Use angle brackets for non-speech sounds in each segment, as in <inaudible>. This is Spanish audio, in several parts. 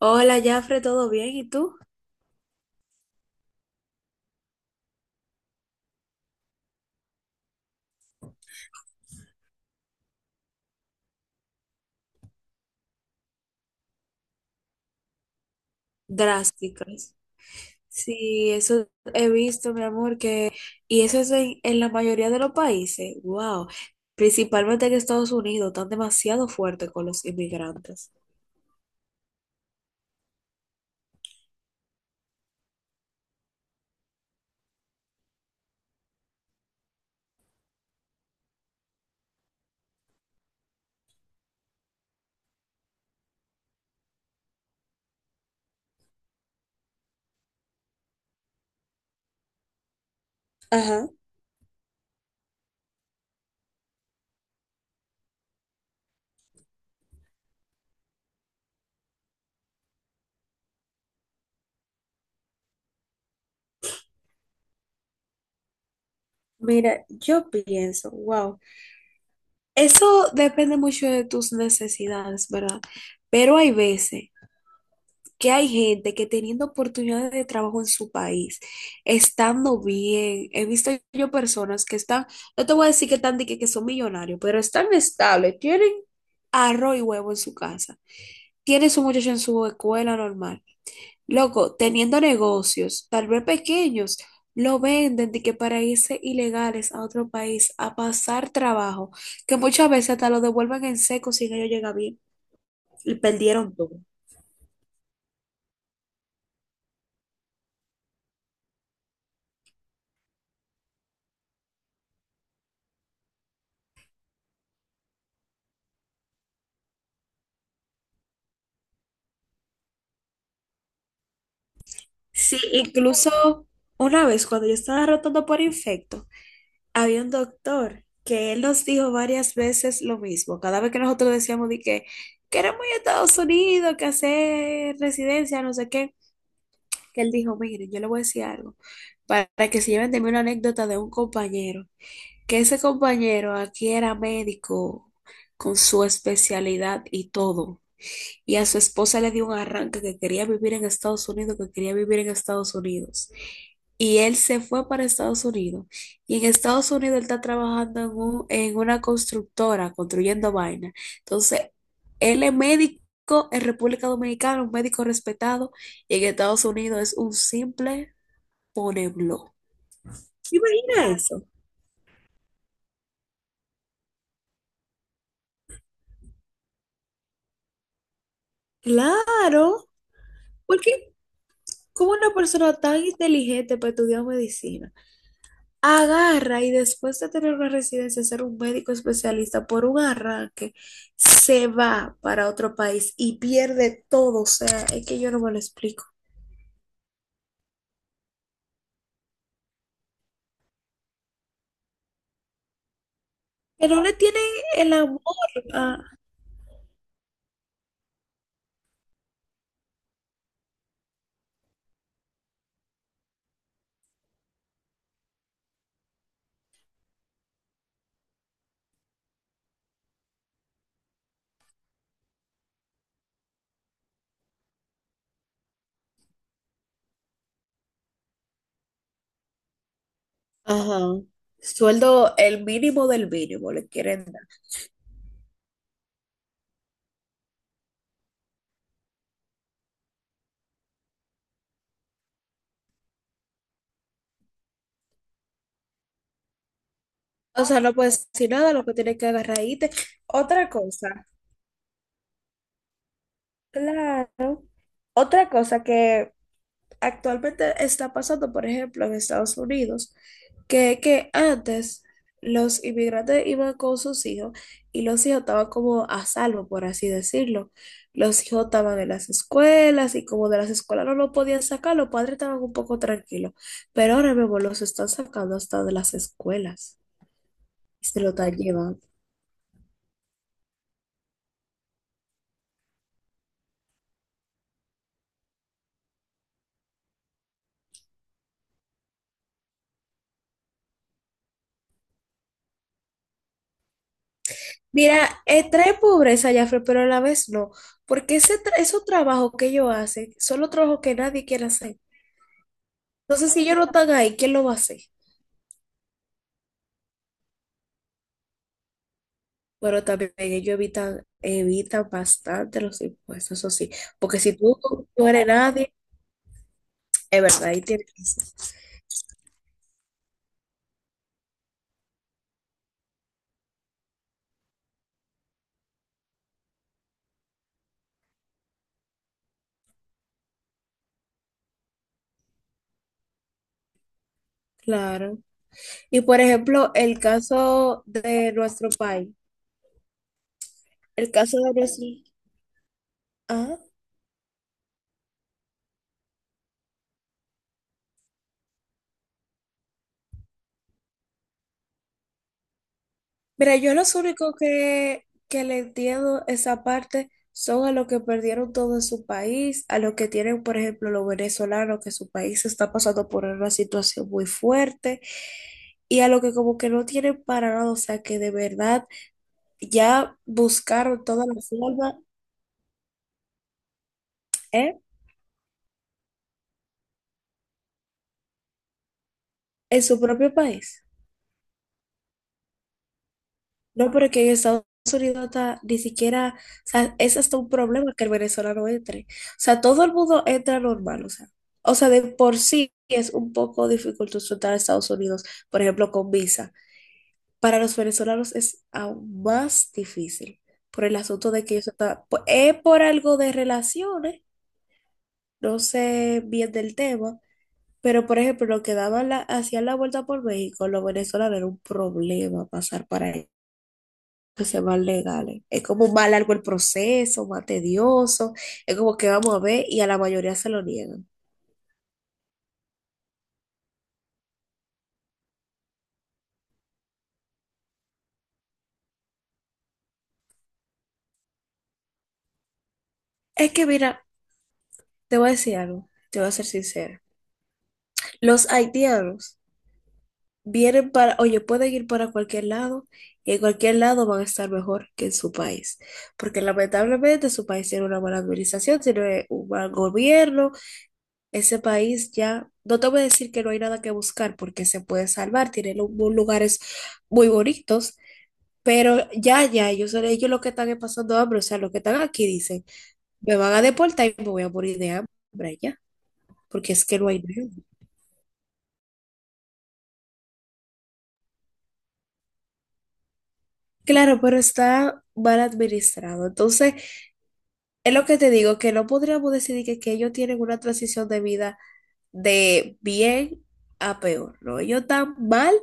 Hola, Jafre, ¿todo bien? ¿Y tú? Drásticas. Sí, eso he visto, mi amor, que... Y eso es en la mayoría de los países. Wow. Principalmente en Estados Unidos, están demasiado fuertes con los inmigrantes. Ajá. Mira, yo pienso, wow. Eso depende mucho de tus necesidades, ¿verdad? Pero hay veces que hay gente que teniendo oportunidades de trabajo en su país, estando bien, he visto yo personas que están, no te voy a decir que están de que son millonarios, pero están estables, tienen arroz y huevo en su casa, tienen su muchacho en su escuela normal. Loco, teniendo negocios, tal vez pequeños, lo venden de que para irse ilegales a otro país a pasar trabajo, que muchas veces hasta lo devuelven en seco si ellos llegan bien y perdieron todo. Sí, incluso una vez cuando yo estaba rotando por infecto, había un doctor que él nos dijo varias veces lo mismo. Cada vez que nosotros decíamos de que queremos ir a Estados Unidos, que hacer residencia, no sé qué, que él dijo, miren, yo le voy a decir algo para que se lleven de mí una anécdota de un compañero, que ese compañero aquí era médico con su especialidad y todo. Y a su esposa le dio un arranque que quería vivir en Estados Unidos, que quería vivir en Estados Unidos. Y él se fue para Estados Unidos. Y en Estados Unidos él está trabajando en, en una constructora, construyendo vainas. Entonces, él es médico en República Dominicana, un médico respetado, y en Estados Unidos es un simple poneblo. Imagina eso. Claro, porque como una persona tan inteligente para estudiar medicina agarra y después de tener una residencia, ser un médico especialista por un arranque, se va para otro país y pierde todo. O sea, es que yo no me lo explico. Que no le tienen el amor a- Ajá. Sueldo el mínimo del mínimo le quieren dar. O sea, no puedes decir nada, lo que tienes que agarrar y irte. Otra cosa, claro. Otra cosa que actualmente está pasando, por ejemplo, en Estados Unidos, que antes los inmigrantes iban con sus hijos y los hijos estaban como a salvo, por así decirlo. Los hijos estaban en las escuelas y como de las escuelas no lo podían sacar, los padres estaban un poco tranquilos. Pero ahora mismo los están sacando hasta de las escuelas y se lo están llevando. Mira, trae pobreza, Jafre, pero a la vez no, porque esos trabajos que ellos hacen son los trabajos que nadie quiere hacer. Entonces, si ellos no están ahí, ¿quién lo va a hacer? Pero también ellos evitan, evitan bastante los impuestos, eso sí. Porque si tú no eres nadie, es verdad, ahí tienes que ser. Claro. Y por ejemplo, el caso de nuestro país, el caso de Brasil. Ah, mira, yo los únicos que le entiendo esa parte son a los que perdieron todo en su país, a los que tienen, por ejemplo, los venezolanos, que su país está pasando por una situación muy fuerte, y a los que como que no tienen para nada, o sea, que de verdad ya buscaron toda la forma, ¿eh? En su propio país. No, porque en Estados Unidos está ni siquiera, o sea, es hasta un problema que el venezolano entre. O sea, todo el mundo entra normal, o sea, de por sí es un poco dificultoso entrar a Estados Unidos, por ejemplo, con visa. Para los venezolanos es aún más difícil por el asunto de que ellos están, es por algo de relaciones, no sé bien del tema, pero por ejemplo, lo que daban la, hacían la vuelta por México, los venezolanos era un problema pasar para que sean más legales. Es como más largo el proceso, más tedioso. Es como que vamos a ver y a la mayoría se lo niegan. Es que mira, te voy a decir algo, te voy a ser sincera. Los haitianos vienen para, oye, pueden ir para cualquier lado y en cualquier lado van a estar mejor que en su país. Porque lamentablemente su país tiene una mala administración, tiene un mal gobierno. Ese país ya, no te voy a decir que no hay nada que buscar porque se puede salvar, tiene lugares muy bonitos. Pero ya, ya, ellos son ellos los que están pasando hambre, o sea, los que están aquí dicen, me van a deportar y me voy a morir de hambre ya, porque es que no hay nada. Claro, pero está mal administrado. Entonces, es lo que te digo, que no podríamos decir que ellos tienen una transición de vida de bien a peor, ¿no? Ellos están mal,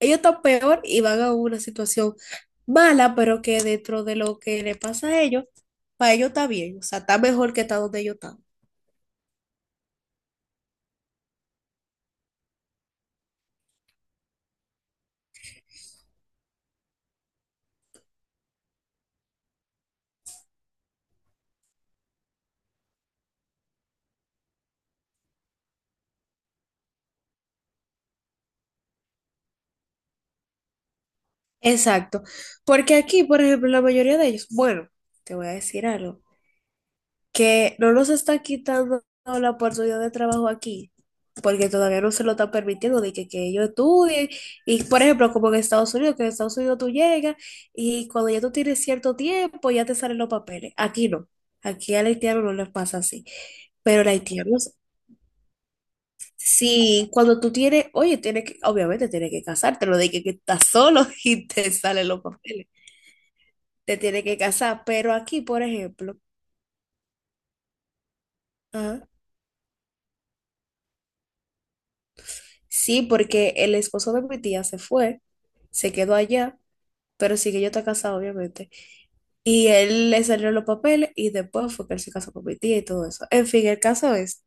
ellos están peor y van a una situación mala, pero que dentro de lo que le pasa a ellos, para ellos está bien, o sea, está mejor que está donde ellos están. Exacto. Porque aquí, por ejemplo, la mayoría de ellos, bueno, te voy a decir algo, que no nos está quitando la oportunidad de trabajo aquí, porque todavía no se lo están permitiendo de que ellos estudien. Y, por ejemplo, como en Estados Unidos, que en Estados Unidos tú llegas y cuando ya tú tienes cierto tiempo ya te salen los papeles. Aquí no. Aquí al haitiano no les pasa así. Pero el haitiano, sí, cuando tú tienes, oye, tienes que, obviamente tienes que casarte, lo de que estás solo <laughs> y te salen los papeles. Te tiene que casar. Pero aquí, por ejemplo, ajá, sí, porque el esposo de mi tía se fue, se quedó allá, pero sí que yo está casado, obviamente. Y él le salió los papeles y después fue que él se casó con mi tía y todo eso. En fin, el caso es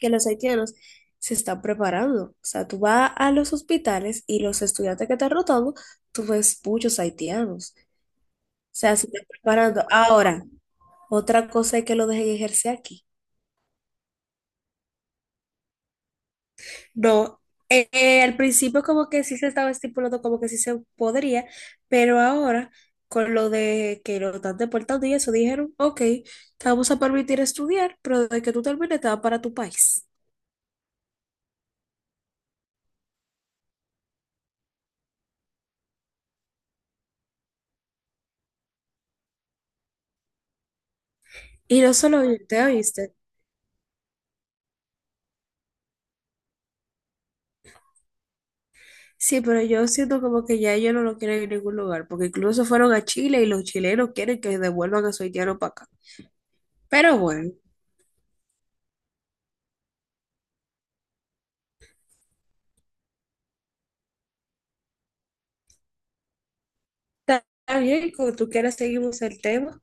que los haitianos se están preparando. O sea, tú vas a los hospitales y los estudiantes que están rotando, tú ves muchos haitianos. O sea, se están preparando. Ahora, otra cosa es que lo dejen ejercer aquí. No, al principio como que sí se estaba estipulando como que sí se podría, pero ahora con lo de que lo están deportando y eso, dijeron, ok, te vamos a permitir estudiar, pero de que tú termines te vas para tu país. Y no solo yo, te oíste. Sí, pero yo siento como que ya ellos no lo quieren en ningún lugar, porque incluso fueron a Chile y los chilenos quieren que devuelvan a su haitiano para acá. Pero bueno, está bien, como tú quieras seguimos el tema.